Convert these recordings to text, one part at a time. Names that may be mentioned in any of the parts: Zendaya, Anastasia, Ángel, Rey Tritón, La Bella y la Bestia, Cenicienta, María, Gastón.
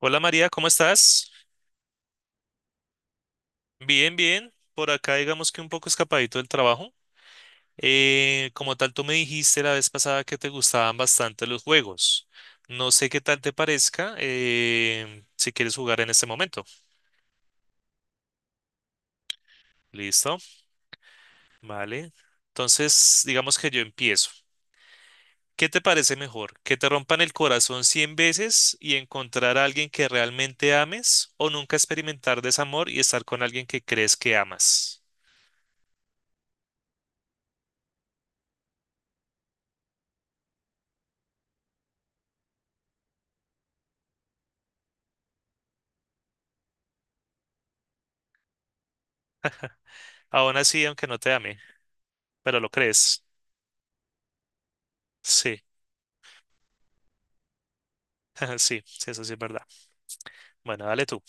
Hola María, ¿cómo estás? Bien, bien. Por acá digamos que un poco escapadito del trabajo. Como tal, tú me dijiste la vez pasada que te gustaban bastante los juegos. No sé qué tal te parezca si quieres jugar en este momento. ¿Listo? Vale. Entonces, digamos que yo empiezo. ¿Qué te parece mejor? ¿Que te rompan el corazón 100 veces y encontrar a alguien que realmente ames o nunca experimentar desamor y estar con alguien que crees que amas? Aún así, aunque no te ame, pero lo crees. Sí, sí, sí, eso sí es verdad. Bueno, dale tú.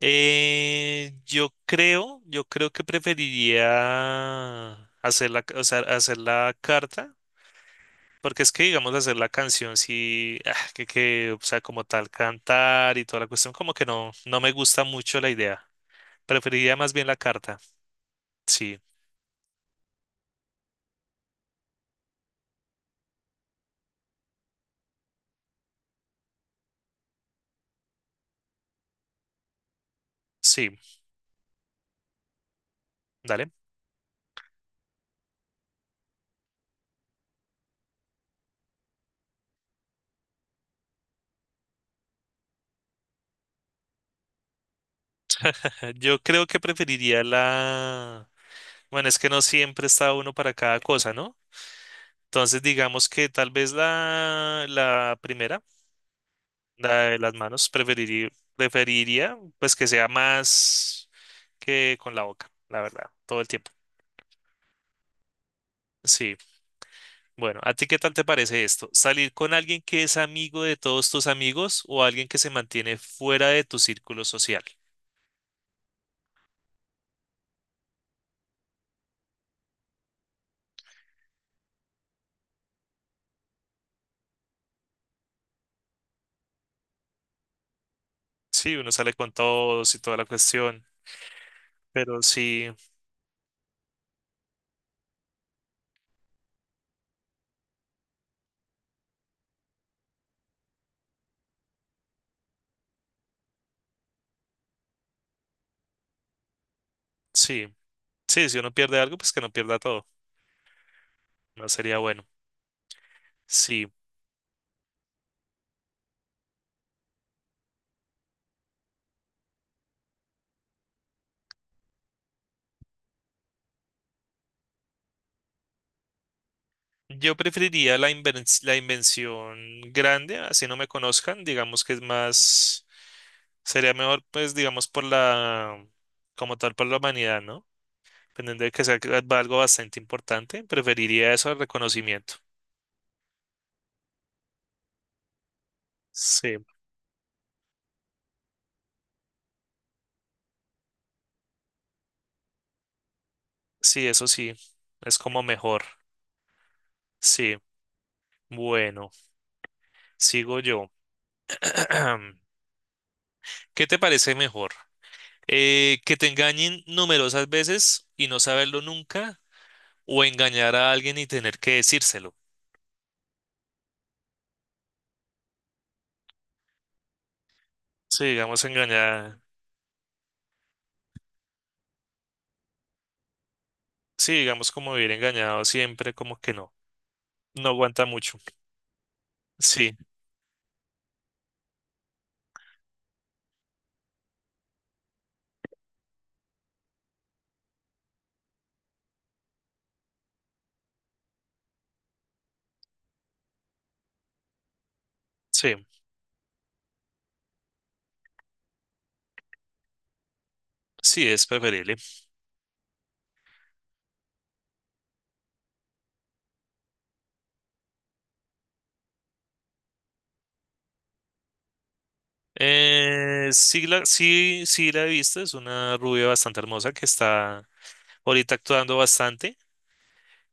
Yo creo que preferiría hacer la carta, porque es que, digamos, hacer la canción, sí, ah, o sea, como tal, cantar y toda la cuestión, como que no me gusta mucho la idea. Preferiría más bien la carta. Sí, sí, dale. Yo creo que preferiría la... Bueno, es que no siempre está uno para cada cosa, ¿no? Entonces, digamos que tal vez la primera, la de las manos, preferiría, preferiría pues que sea más que con la boca, la verdad, todo el tiempo. Sí. Bueno, ¿a ti qué tal te parece esto? ¿Salir con alguien que es amigo de todos tus amigos o alguien que se mantiene fuera de tu círculo social? Sí, uno sale con todos y toda la cuestión, pero sí, sí, sí, si uno pierde algo, pues que no pierda todo, no sería bueno. Sí, yo preferiría la la invención grande, así no me conozcan, digamos que es más, sería mejor, pues digamos por como tal, por la humanidad, ¿no? Dependiendo de que sea algo bastante importante, preferiría eso al reconocimiento. Sí, sí, eso sí, es como mejor. Sí, bueno, sigo yo. ¿Qué te parece mejor? ¿Que te engañen numerosas veces y no saberlo nunca? ¿O engañar a alguien y tener que decírselo? Sí, digamos engañar. Sí, digamos como vivir engañado siempre, como que no. No aguanta mucho. Sí, sí, sí, es preferible. Sí, sí, sí la he visto, es una rubia bastante hermosa que está ahorita actuando bastante.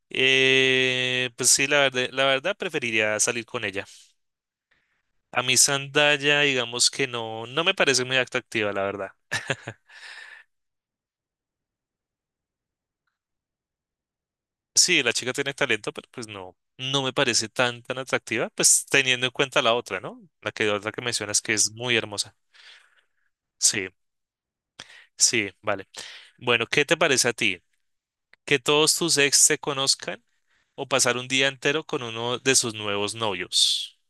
Pues sí, la verdad preferiría salir con ella. A mí Zendaya, digamos que no me parece muy atractiva, la verdad. Sí, la chica tiene talento, pero pues no me parece tan tan atractiva, pues teniendo en cuenta la otra, ¿no? La que otra que mencionas que es muy hermosa. Sí, sí, vale. Bueno, ¿qué te parece a ti? ¿Que todos tus ex se conozcan o pasar un día entero con uno de sus nuevos novios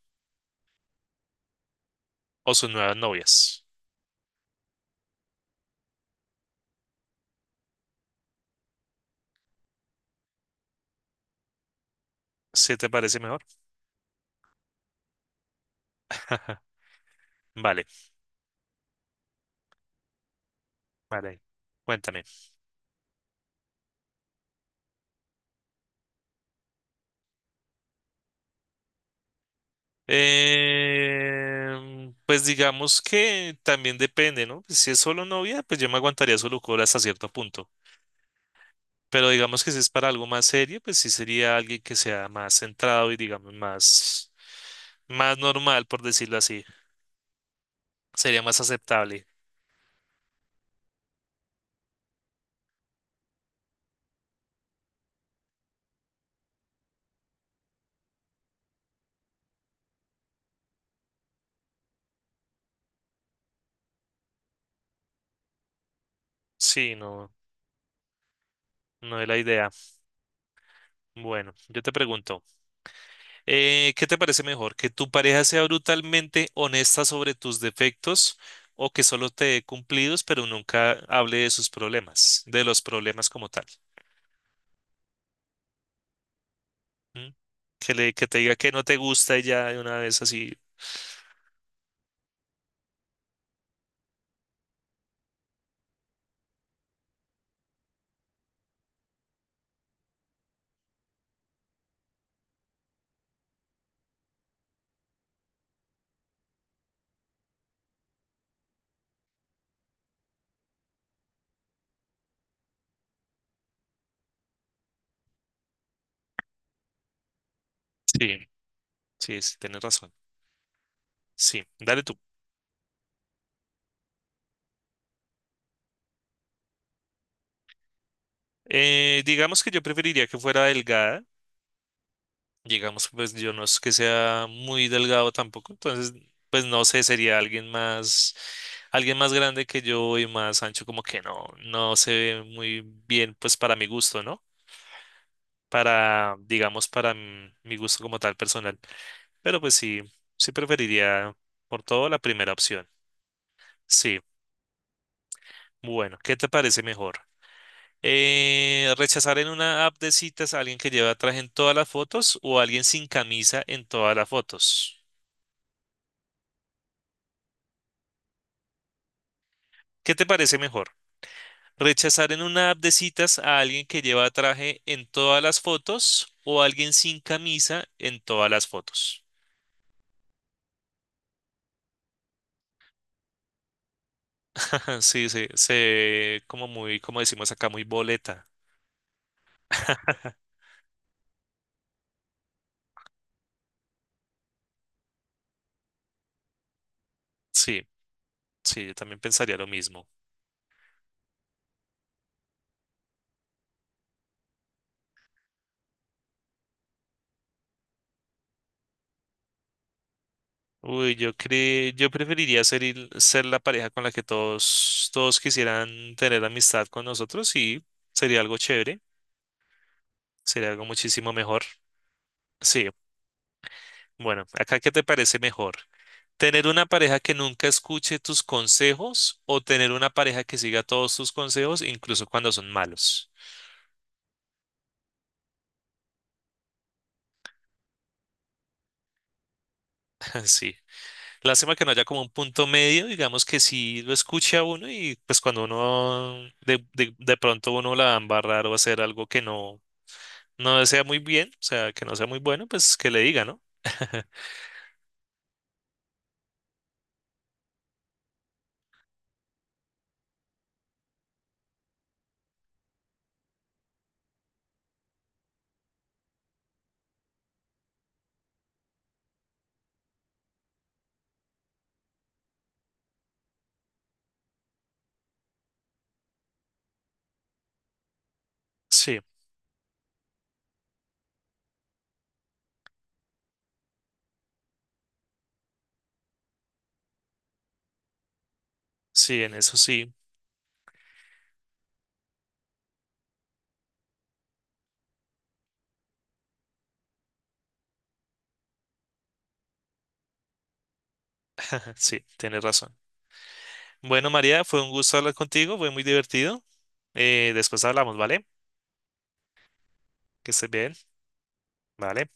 o sus nuevas novias? ¿Sí te parece mejor? Vale, vale. Cuéntame. Pues digamos que también depende, ¿no? Pues, si es solo novia, pues yo me aguantaría solo cola hasta cierto punto. Pero digamos que si es para algo más serio, pues sí sería alguien que sea más centrado y digamos más, más normal, por decirlo así. Sería más aceptable. Sí, no, no es la idea. Bueno, yo te pregunto. ¿Qué te parece mejor? ¿Que tu pareja sea brutalmente honesta sobre tus defectos o que solo te dé cumplidos, pero nunca hable de sus problemas, de los problemas como tal? ¿Mm? Que que te diga que no te gusta y ya de una vez así. Sí, sí, sí, tienes razón. Sí, dale tú. Digamos que yo preferiría que fuera delgada. Digamos que pues yo no es que sea muy delgado tampoco, entonces pues no sé, sería alguien más grande que yo y más ancho, como que no, no se ve muy bien pues para mi gusto, ¿no? Para, digamos, para mi gusto como tal personal. Pero pues sí, sí preferiría por todo la primera opción. Sí, bueno, ¿qué te parece mejor? ¿Rechazar en una app de citas a alguien que lleva traje en todas las fotos o a alguien sin camisa en todas las fotos? ¿Qué te parece mejor? Rechazar en una app de citas a alguien que lleva traje en todas las fotos o alguien sin camisa en todas las fotos. Sí, sí, se como muy, como decimos acá, muy boleta. Sí, sí, yo también pensaría lo mismo. Uy, yo preferiría ser, ser la pareja con la que todos quisieran tener amistad con nosotros y sería algo chévere, sería algo muchísimo mejor. Sí, bueno, acá, ¿qué te parece mejor? Tener una pareja que nunca escuche tus consejos o tener una pareja que siga todos tus consejos, incluso cuando son malos. Sí. Lástima que no haya como un punto medio, digamos que sí lo escuche a uno y pues cuando uno de pronto uno la va a embarrar o hacer algo que no desea muy bien, o sea, que no sea muy bueno, pues que le diga, ¿no? Sí, sí, en eso sí, sí, tienes razón. Bueno, María, fue un gusto hablar contigo, fue muy divertido. Después hablamos, ¿vale? Que estés bien, ¿vale?